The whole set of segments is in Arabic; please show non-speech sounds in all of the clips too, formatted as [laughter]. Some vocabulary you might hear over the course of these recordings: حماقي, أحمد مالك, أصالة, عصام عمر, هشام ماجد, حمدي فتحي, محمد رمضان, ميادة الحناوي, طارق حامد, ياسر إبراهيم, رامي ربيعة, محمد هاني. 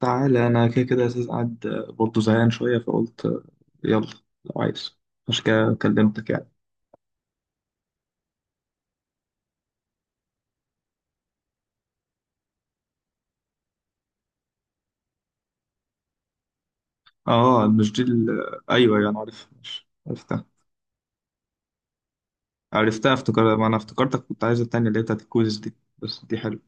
تعالى انا كده كده اساس قاعد. برضه زهقان شويه فقلت يلا لو عايز، عشان كده كلمتك يعني. اه، مش دي ايوه يعني عارف، مش عرفتها. عرفتها افتكر، ما انا افتكرتك كنت عايز التانية اللي هي بتاعت الكويز دي، بس دي حلوه.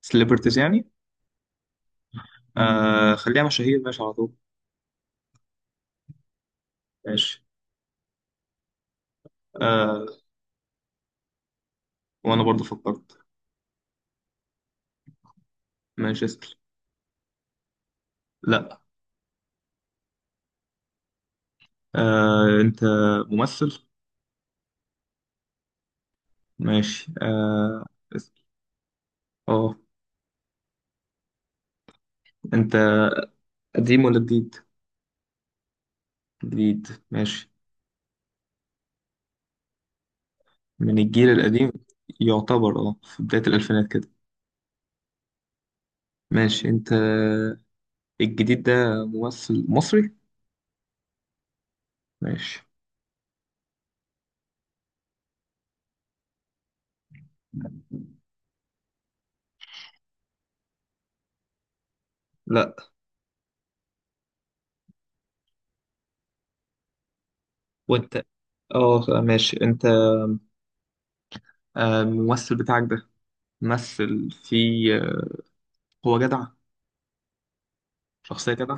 سليبرتيز يعني. آه خليها مشاهير، ماشي على طول. ماشي. آه وانا برضه فكرت. ماشي اسال. لا. انت ممثل. ماشي اه. اسال. اه. انت قديم ولا جديد؟ جديد ماشي. من الجيل القديم. يعتبر اه، في بداية الألفينات كده. ماشي أنت. الجديد ده ممثل مصري. ماشي. لا. وأنت اه ماشي. أنت الممثل بتاعك ده مثل في آه، هو جدع، شخصية جدع.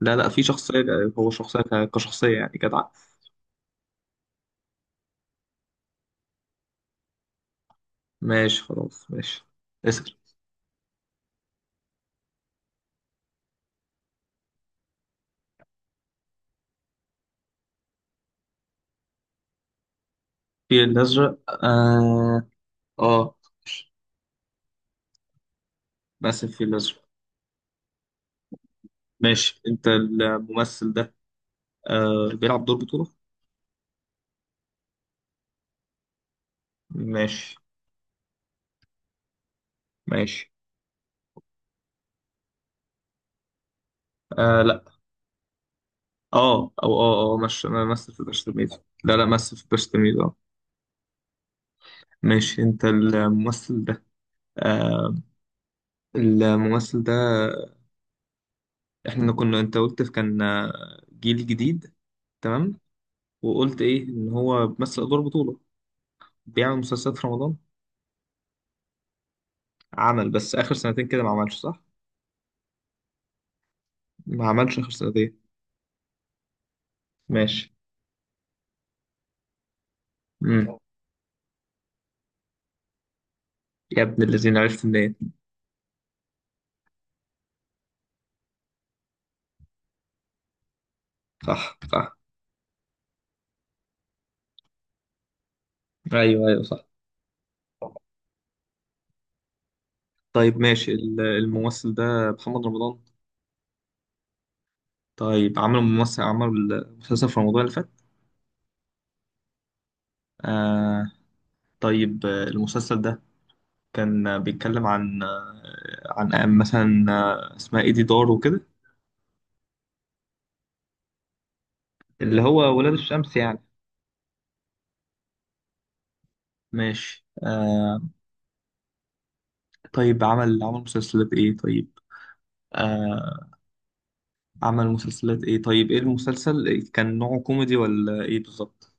لا لا، في شخصية. هو شخصية كشخصية يعني جدع. ماشي خلاص ماشي. اسأل. في الأزرق، اه. اه، مثل في الأزرق. ماشي أنت الممثل ده بيلعب دور بطولة. ماشي. ماشي آه. لا. اه او اه اه، مش ممثل في باشا تلميذ. لا لا، ممثل في باشا تلميذ اه. ماشي. انت الممثل ده آه الممثل ده، احنا كنا، انت قلت كان جيل جديد، تمام. وقلت ايه، ان هو بيمثل ادوار بطولة، بيعمل مسلسلات في رمضان. عمل، بس اخر سنتين كده ما عملش، صح. ما عملش اخر سنتين. ماشي. مم. يا ابن الذين، عرفت منين؟ صح صح. ايوه ايوه صح. طيب ماشي، الممثل ده محمد رمضان. طيب، عملوا ممثل، عمل مسلسل في رمضان اللي فات. آه. طيب المسلسل ده كان بيتكلم عن عن مثلا آه، اسمها ايه دي، دار وكده. اللي هو ولاد الشمس يعني. ماشي آه. طيب عمل مسلسلات ايه طيب. آه، عمل مسلسلات ايه طيب، ايه المسلسل كان نوعه كوميدي ولا ايه بالظبط؟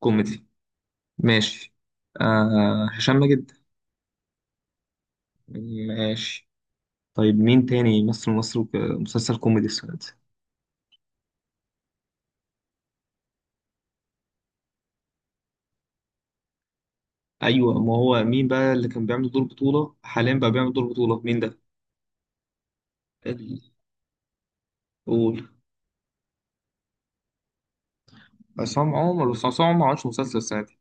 كوميدي. ماشي. هشام ماجد. ماشي. طيب مين تاني يمثل مصر في مسلسل كوميدي السنة دي؟ ايوه، ما هو مين بقى اللي كان بيعمل دور بطولة؟ حاليا بقى بيعمل دور بطولة مين ده؟ ال- قول. عصام عمر. بس عصام عمر ما عملش مسلسل السنة دي.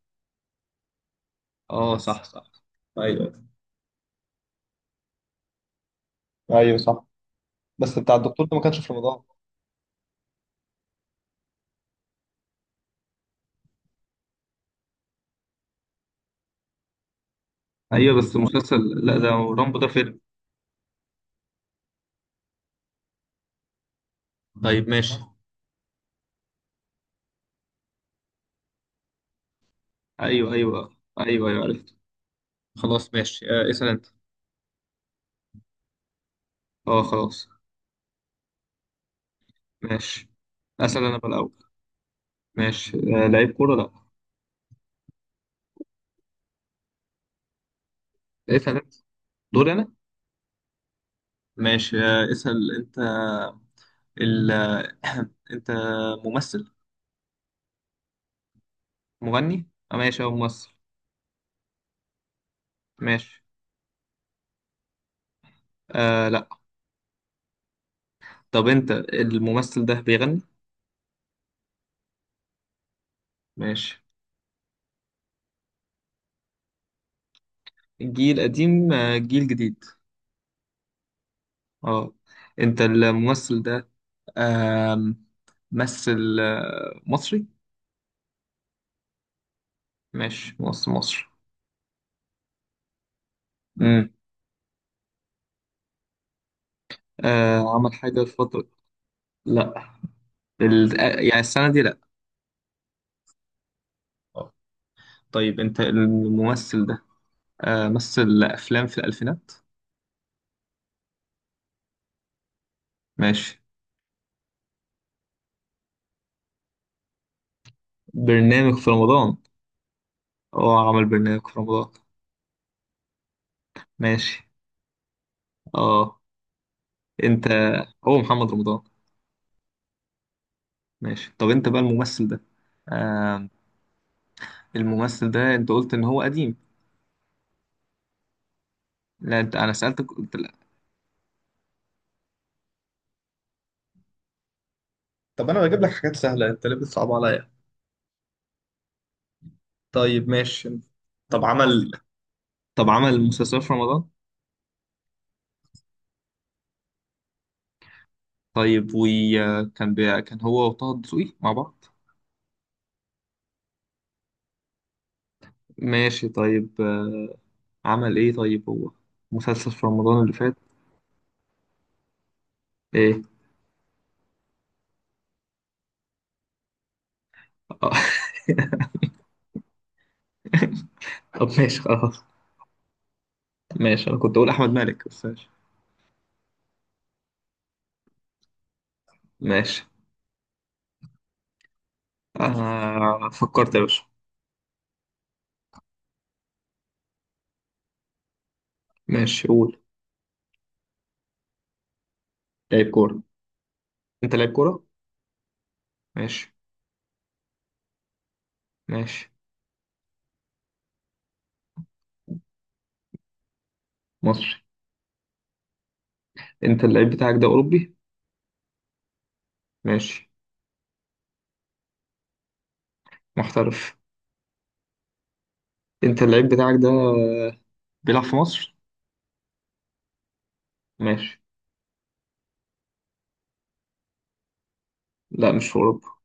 اه صح صح. ايوه ايوه صح. بس بتاع الدكتور ده ما كانش في رمضان. ايوه بس المسلسل. لا، ده رامبو ده فيلم. طيب ماشي. ايوه ايوه ايوه ايوه عرفت. خلاص ماشي، آه اسال انت. اه خلاص. ماشي. اسال انا بقى الاول. ماشي لعيب كوره، لا. اسال انت. دوري انا. ماشي اسال انت. ال... [clears throat] انت ممثل. مغني؟ آه ماشي، هو ممثل. ماشي. آه لا. طب انت الممثل ده بيغني؟ ماشي. جيل قديم، آه جيل جديد. اه. انت الممثل ده آه مثل مصري. ماشي، ممثل مصري. امم. عمل حاجة الفترة. لا. يعني السنة دي لا. آه. طيب انت الممثل ده مثل افلام في الالفينات. ماشي. برنامج في رمضان؟ اه، عمل برنامج في رمضان. ماشي اه. انت، هو محمد رمضان. ماشي. طب انت بقى الممثل ده. آه. الممثل ده، انت قلت ان هو قديم. لا انت، انا سألتك قلت لا. طب انا بجيب لك حاجات سهله، انت ليه بتصعب عليا؟ طيب ماشي. طب عمل طب عمل مسلسل في رمضان؟ طيب وكان كان هو وطه دسوقي مع بعض. ماشي. طيب آه، عمل ايه طيب هو؟ مسلسل في رمضان اللي فات؟ ايه. آه. [laughs] طب ماشي خلاص. ماشي، انا كنت اقول احمد مالك بس ماشي. ماشي فكرت يا باشا. ماشي قول. لعيب كورة. انت لعيب كورة؟ ماشي. ماشي. مصري. انت اللعيب بتاعك ده أوروبي؟ ماشي. محترف. انت اللعيب بتاعك ده بيلعب في مصر؟ ماشي. لا مش في أوروبا.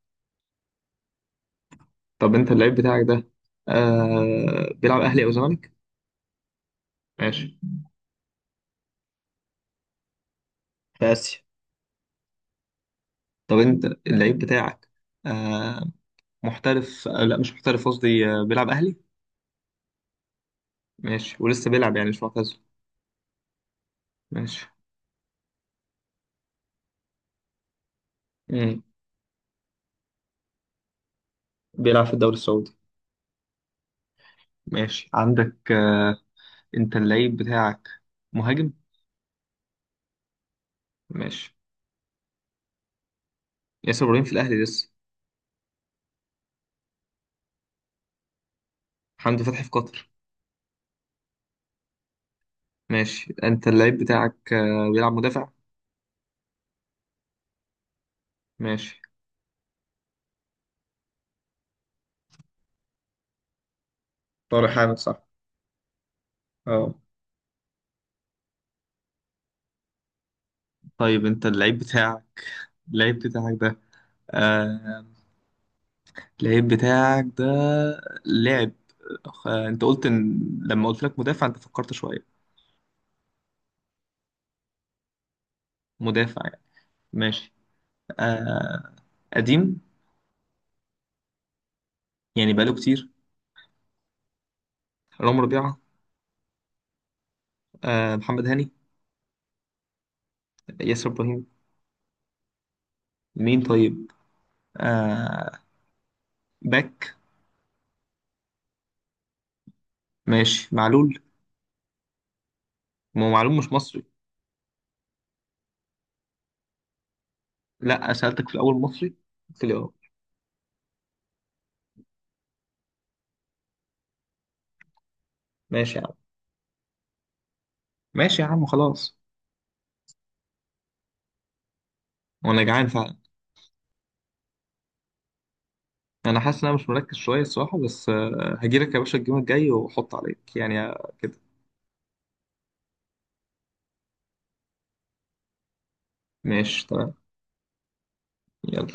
طب انت اللعيب بتاعك ده بيلعب أهلي أو زمالك؟ ماشي. في آسيا. طب انت اللعيب بتاعك آه محترف آه لا مش محترف، قصدي بيلعب أهلي. ماشي. ولسه بيلعب يعني مش معتزل. ماشي. مم. بيلعب في الدوري السعودي. ماشي. عندك انت اللعيب بتاعك مهاجم؟ ماشي. ياسر ابراهيم في الاهلي لسه. حمدي فتحي في قطر. ماشي، انت اللعيب بتاعك بيلعب مدافع. ماشي. طارق حامد صح؟ اه. طيب انت اللعيب بتاعك ده آه... اللعيب بتاعك ده لعب انت قلت ان، لما قلت لك مدافع انت فكرت شوية. مدافع يعني. ماشي آه... قديم، يعني بقاله كتير. رامي ربيعة. محمد هاني. ياسر ابراهيم. مين طيب؟ آه... باك. ماشي، معلول. ما هو معلول مش مصري. لا سألتك في الأول مصري، في الأول. ماشي يا عم. ماشي يا عم خلاص. وأنا جعان فعلا. أنا حاسس إن أنا مش مركز شوية الصراحة، بس هجيلك يا باشا الجيم الجاي وحط عليك يعني كده. ماشي تمام. يلا.